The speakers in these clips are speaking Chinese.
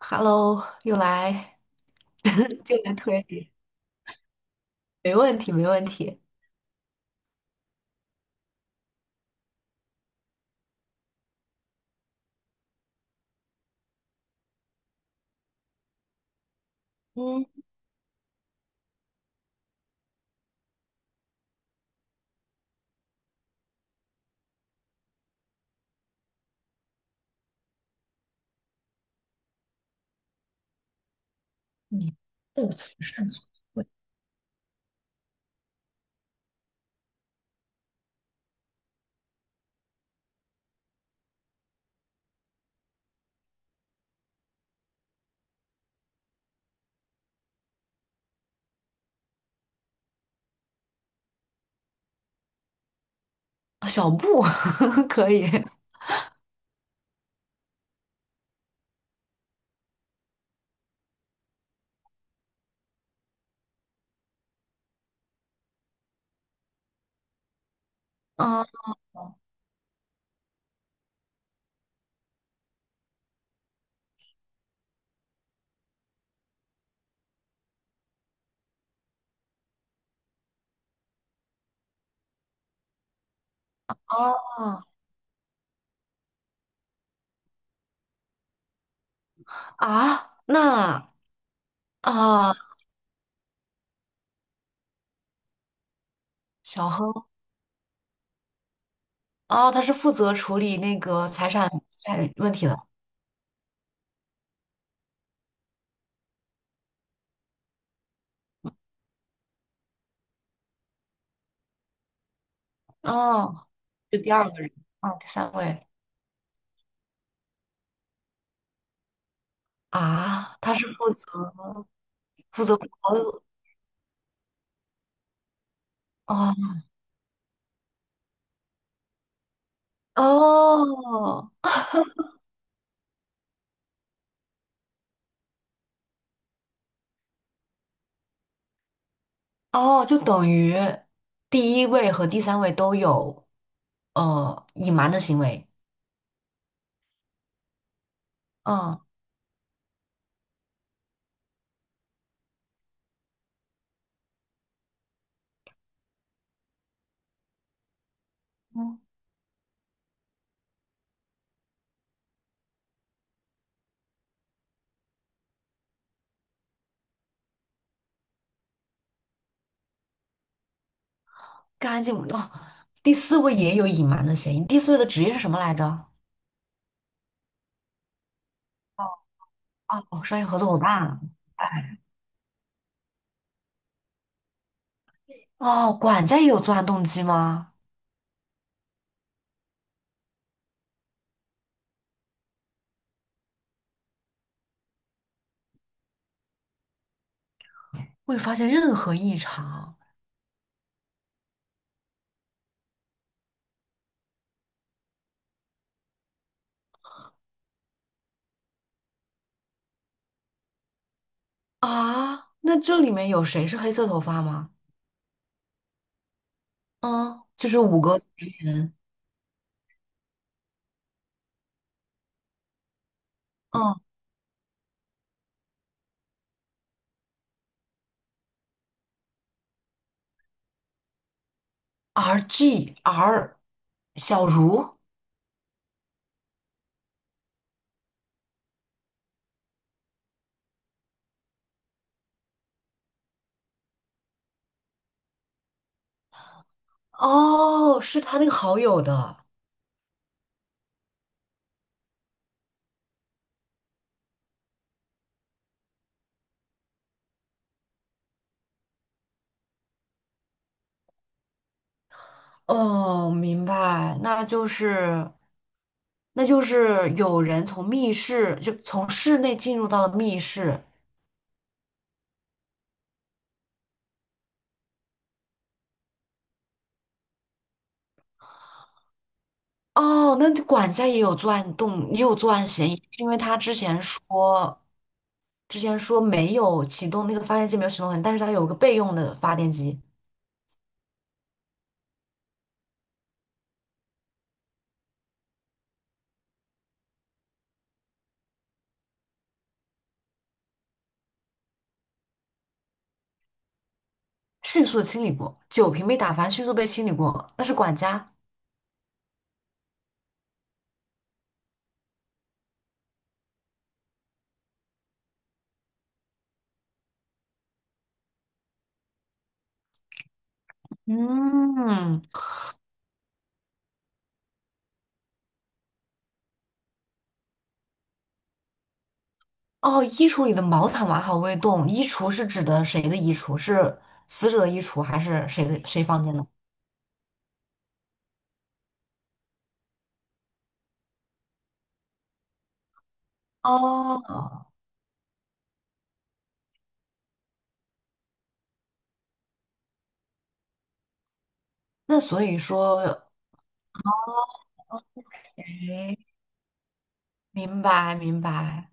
Hello，又来。又来推理，没问题，没问题。嗯，你 不慈善组会。啊，小布。 可以。啊。哦。啊，那。啊，小亨。哦，他是负责处理那个财产问题的。哦，就第二个人。哦，第三位。啊，他是负责负责所有。哦。哦。哦，就等于第一位和第三位都有隐瞒的行为。嗯。嗯，干净哦。第四位也有隐瞒的嫌疑。第四位的职业是什么来着？哦，哦，商业合作伙伴。哎。哦，管家也有作案动机吗？未发现任何异常。啊？那这里面有谁是黑色头发吗？嗯，就是五个人。嗯，R G R,小茹。哦，是他那个好友的。哦，明白，那就是，那就是有人从密室，就从室内进入到了密室。哦，那管家也有作案动，也有作案嫌疑，是因为他之前说，之前说没有启动那个发电机，没有启动很，但是他有个备用的发电机。迅速的清理过，酒瓶被打翻，迅速被清理过，那是管家。嗯。哦，衣橱里的毛毯完好未动，衣橱是指的谁的衣橱？是死者的衣橱还是谁的谁房间的？哦，那所以说。哎，明白明白。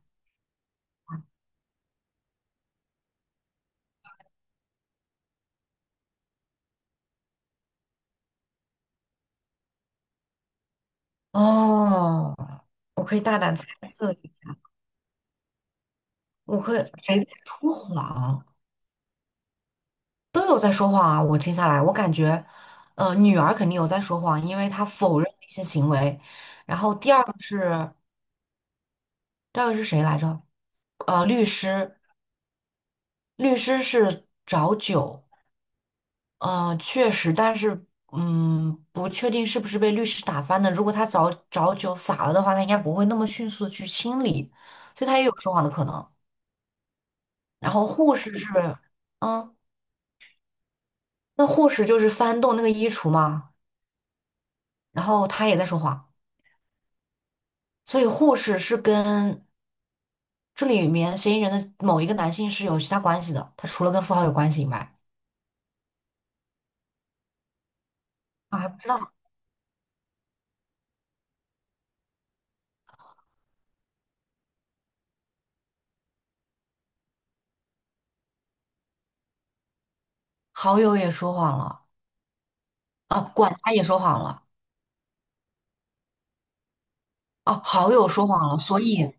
哦，我可以大胆猜测一下。我可以谁在说谎？都有在说谎啊！我听下来，我感觉，女儿肯定有在说谎，因为她否认一些行为。然后第二个是第二个是谁来着？律师，律师是找酒。嗯，确实，但是，嗯，不确定是不是被律师打翻的。如果他早早酒洒了的话，他应该不会那么迅速的去清理，所以他也有说谎的可能。然后护士是，嗯，那护士就是翻动那个衣橱嘛，然后他也在说谎，所以护士是跟这里面嫌疑人的某一个男性是有其他关系的，他除了跟富豪有关系以外，啊，还不知道。好友也说谎了。啊，管家也说谎了。哦、好友说谎了，所以。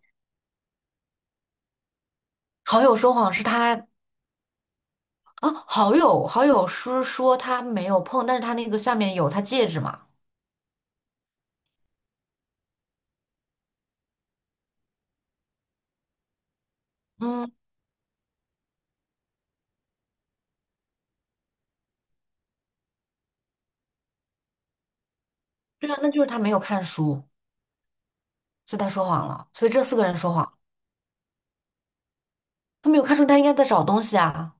好友说谎是他。啊，好友是说他没有碰，但是他那个下面有他戒指嘛。嗯，对啊，那就是他没有看书，所以他说谎了。所以这四个人说谎。他没有看书，他应该在找东西啊。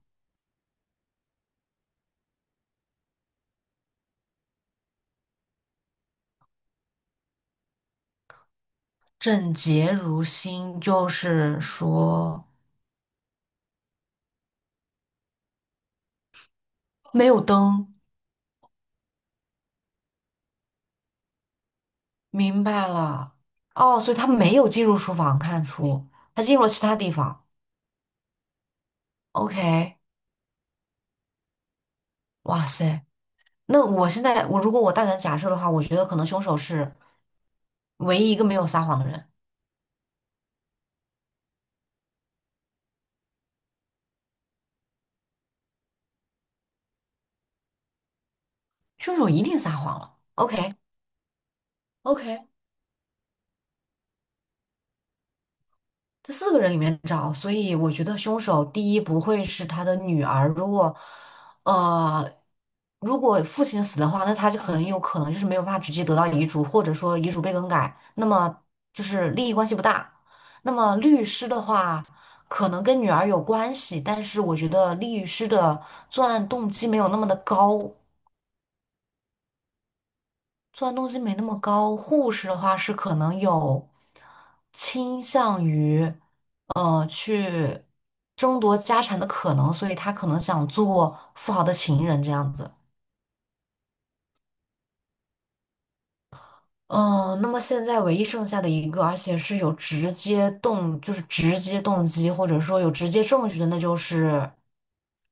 整洁如新，就是说没有灯。明白了。哦，所以他没有进入书房看书，他进入了其他地方。OK，哇塞，那我现在我如果我大胆假设的话，我觉得可能凶手是唯一一个没有撒谎的人。凶手一定撒谎了。OK。 OK，在四个人里面找，所以我觉得凶手第一不会是他的女儿。如果呃，如果父亲死的话，那他就很有可能就是没有办法直接得到遗嘱，或者说遗嘱被更改，那么就是利益关系不大。那么律师的话，可能跟女儿有关系，但是我觉得律师的作案动机没有那么的高。作案动机没那么高。护士的话是可能有倾向于，去争夺家产的可能，所以他可能想做富豪的情人这样子。嗯、那么现在唯一剩下的一个，而且是有直接动，就是直接动机，或者说有直接证据的，那就是，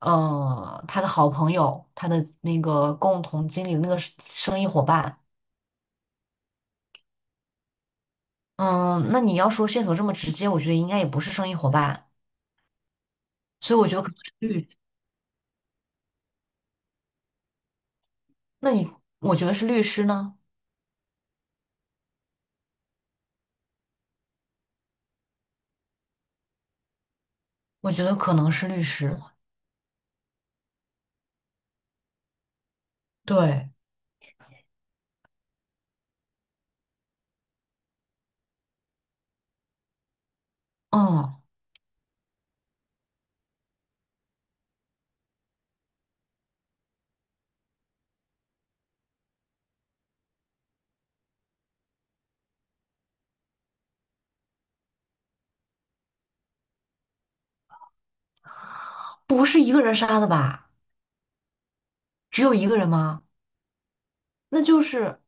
他的好朋友，他的那个共同经理的那个生意伙伴。嗯，那你要说线索这么直接，我觉得应该也不是生意伙伴。所以我觉得可能是律，那你我觉得是律师呢？我觉得可能是律师。对。嗯，不是一个人杀的吧？只有一个人吗？那就是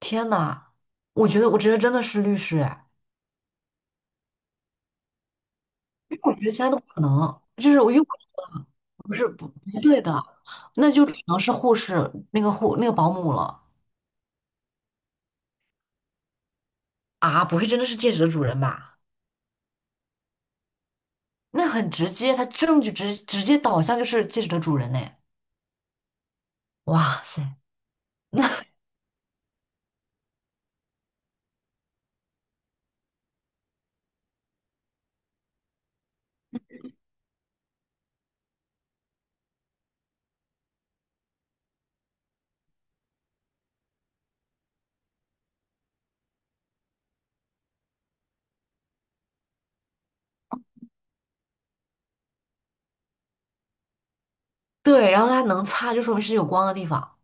天呐，我觉得真的是律师哎，因为我觉得其他都不可能，就是我又不是不对的，那就只能是护士那个护那个保姆了。啊！不会真的是戒指的主人吧？那很直接，他证据直接导向就是戒指的主人呢！哇塞！那。对，然后它能擦，就说明是有光的地方。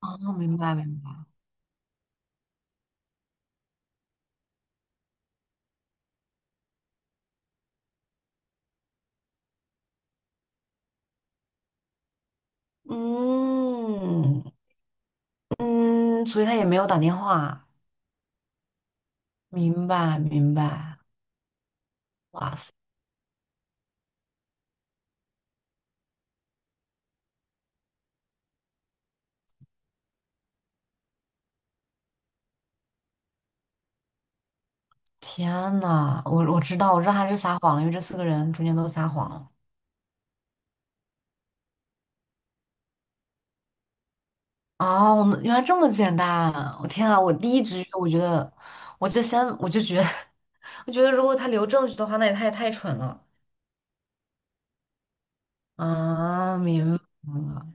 哦，明白明白。嗯嗯，所以他也没有打电话。明白明白。哇塞，天呐，我知道，我知道他是撒谎了，因为这四个人中间都撒谎了。哦，我原来这么简单！我天啊，我第一直觉我觉得，我就先我就觉得，我觉得如果他留证据的话，那也太蠢了。啊，明白了。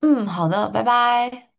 嗯，好的，拜拜。